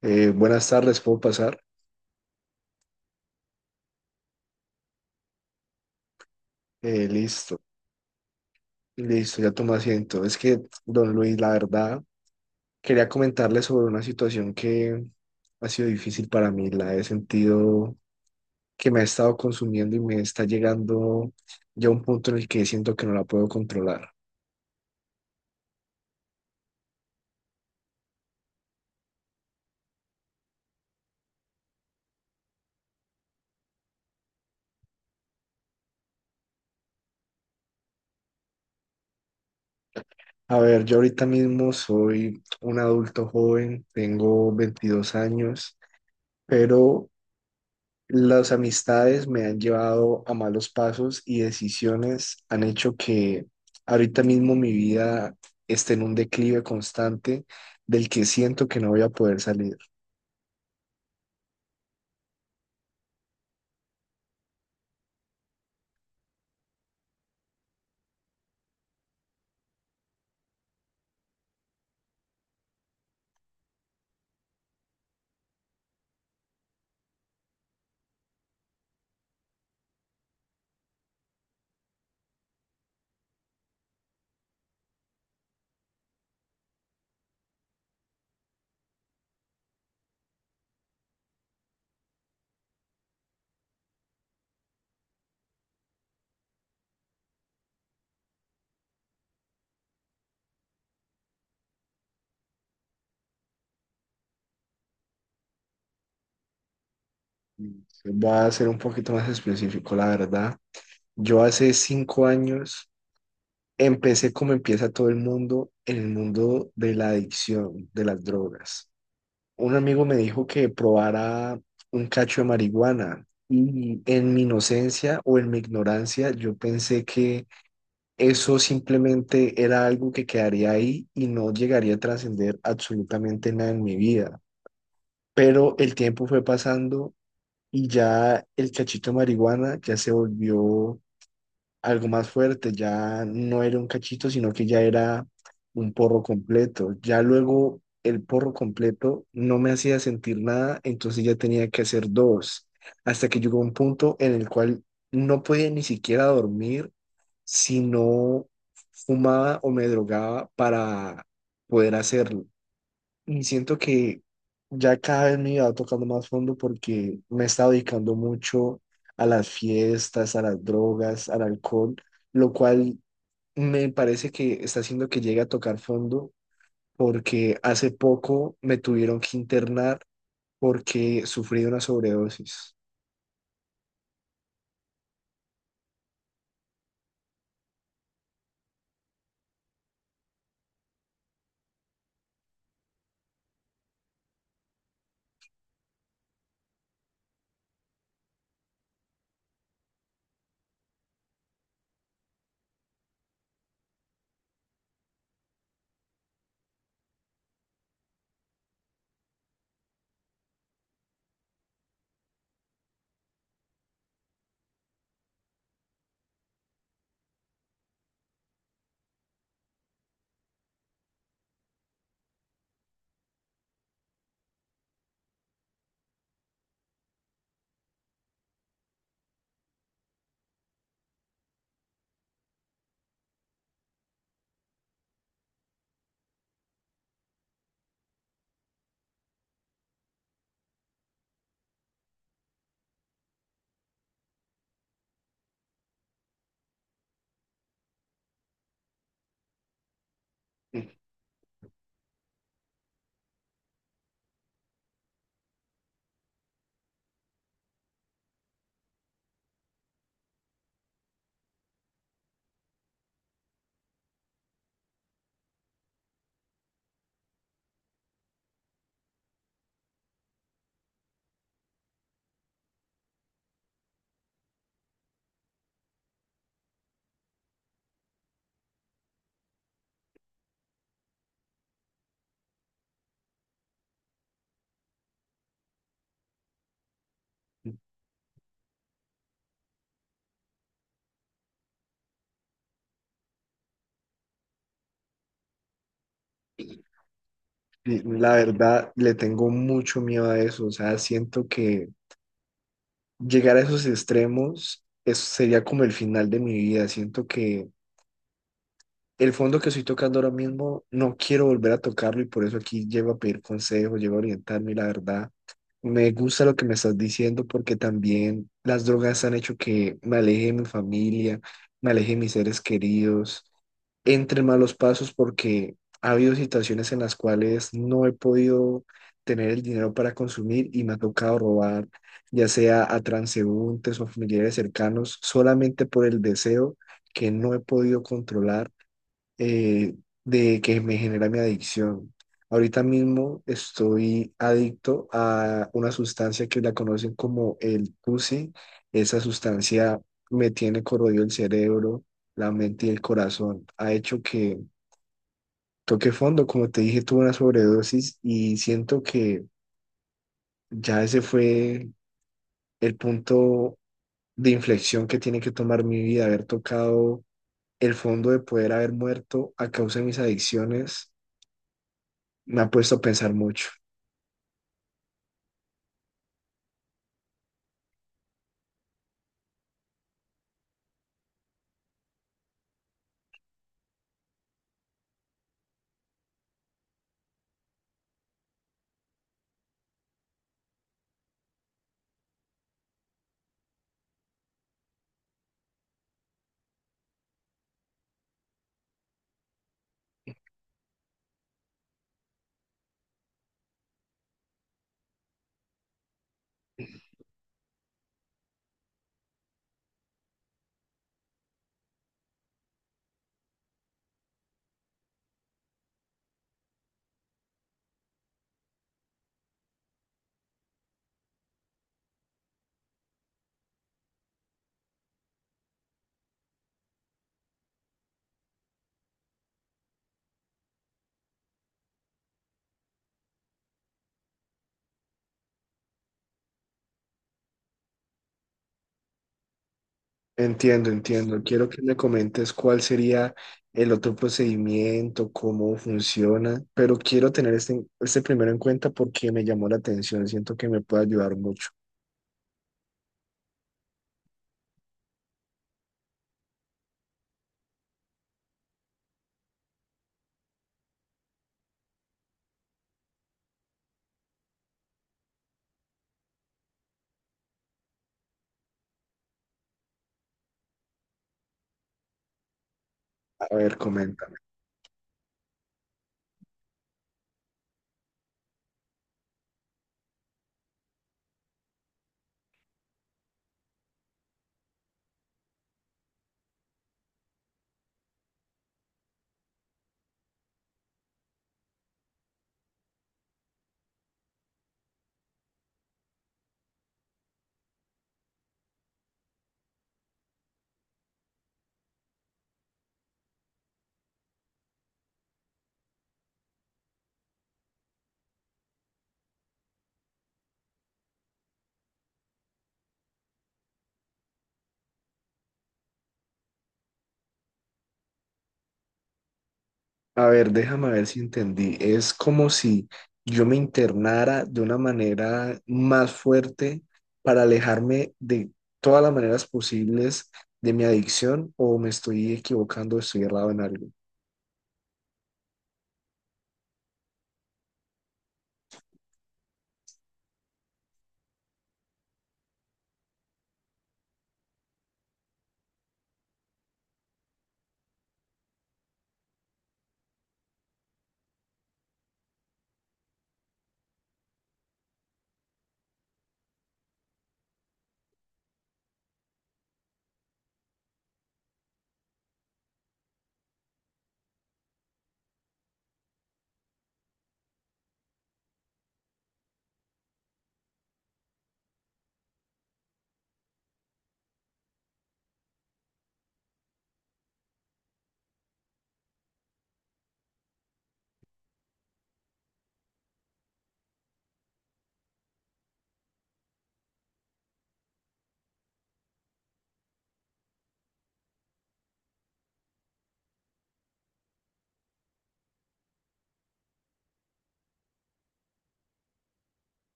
Buenas tardes, ¿puedo pasar? Listo, listo, ya tomo asiento. Es que, don Luis, la verdad, quería comentarle sobre una situación que ha sido difícil para mí. La he sentido que me ha estado consumiendo y me está llegando ya a un punto en el que siento que no la puedo controlar. A ver, yo ahorita mismo soy un adulto joven, tengo 22 años, pero las amistades me han llevado a malos pasos y decisiones han hecho que ahorita mismo mi vida esté en un declive constante del que siento que no voy a poder salir. Voy a ser un poquito más específico, la verdad. Yo hace 5 años empecé como empieza todo el mundo, en el mundo de la adicción, de las drogas. Un amigo me dijo que probara un cacho de marihuana y en mi inocencia o en mi ignorancia yo pensé que eso simplemente era algo que quedaría ahí y no llegaría a trascender absolutamente nada en mi vida. Pero el tiempo fue pasando y ya el cachito de marihuana ya se volvió algo más fuerte, ya no era un cachito, sino que ya era un porro completo. Ya luego el porro completo no me hacía sentir nada, entonces ya tenía que hacer dos, hasta que llegó un punto en el cual no podía ni siquiera dormir si no fumaba o me drogaba para poder hacerlo. Y siento que ya cada vez me iba tocando más fondo porque me he estado dedicando mucho a las fiestas, a las drogas, al alcohol, lo cual me parece que está haciendo que llegue a tocar fondo porque hace poco me tuvieron que internar porque sufrí una sobredosis. Mm. Y la verdad, le tengo mucho miedo a eso. O sea, siento que llegar a esos extremos sería como el final de mi vida. Siento que el fondo que estoy tocando ahora mismo, no quiero volver a tocarlo y por eso aquí llego a pedir consejos, llego a orientarme y la verdad, me gusta lo que me estás diciendo porque también las drogas han hecho que me aleje de mi familia, me aleje de mis seres queridos, entre malos pasos porque ha habido situaciones en las cuales no he podido tener el dinero para consumir y me ha tocado robar, ya sea a transeúntes o familiares cercanos, solamente por el deseo que no he podido controlar eh, de que me genera mi adicción. Ahorita mismo estoy adicto a una sustancia que la conocen como el TUSI. Esa sustancia me tiene corroído el cerebro, la mente y el corazón. Ha hecho que toque fondo. Como te dije, tuve una sobredosis y siento que ya ese fue el punto de inflexión que tiene que tomar mi vida, haber tocado el fondo de poder haber muerto a causa de mis adicciones. Me ha puesto a pensar mucho. Entiendo, entiendo. Quiero que me comentes cuál sería el otro procedimiento, cómo funciona, pero quiero tener este, este primero en cuenta porque me llamó la atención. Siento que me puede ayudar mucho. A ver, coméntame. A ver, déjame ver si entendí. Es como si yo me internara de una manera más fuerte para alejarme de todas las maneras posibles de mi adicción o me estoy equivocando, estoy errado en algo.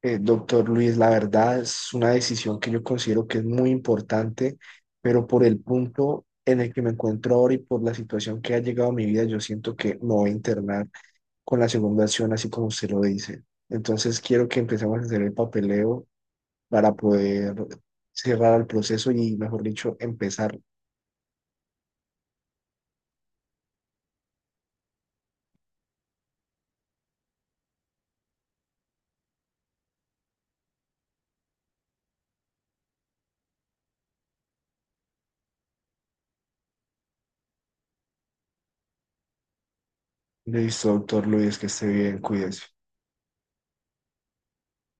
Doctor Luis, la verdad es una decisión que yo considero que es muy importante, pero por el punto en el que me encuentro ahora y por la situación que ha llegado a mi vida, yo siento que me voy a internar con la segunda opción así como usted lo dice. Entonces quiero que empecemos a hacer el papeleo para poder cerrar el proceso y, mejor dicho, empezar. Listo, doctor Luis, que esté bien, cuídese.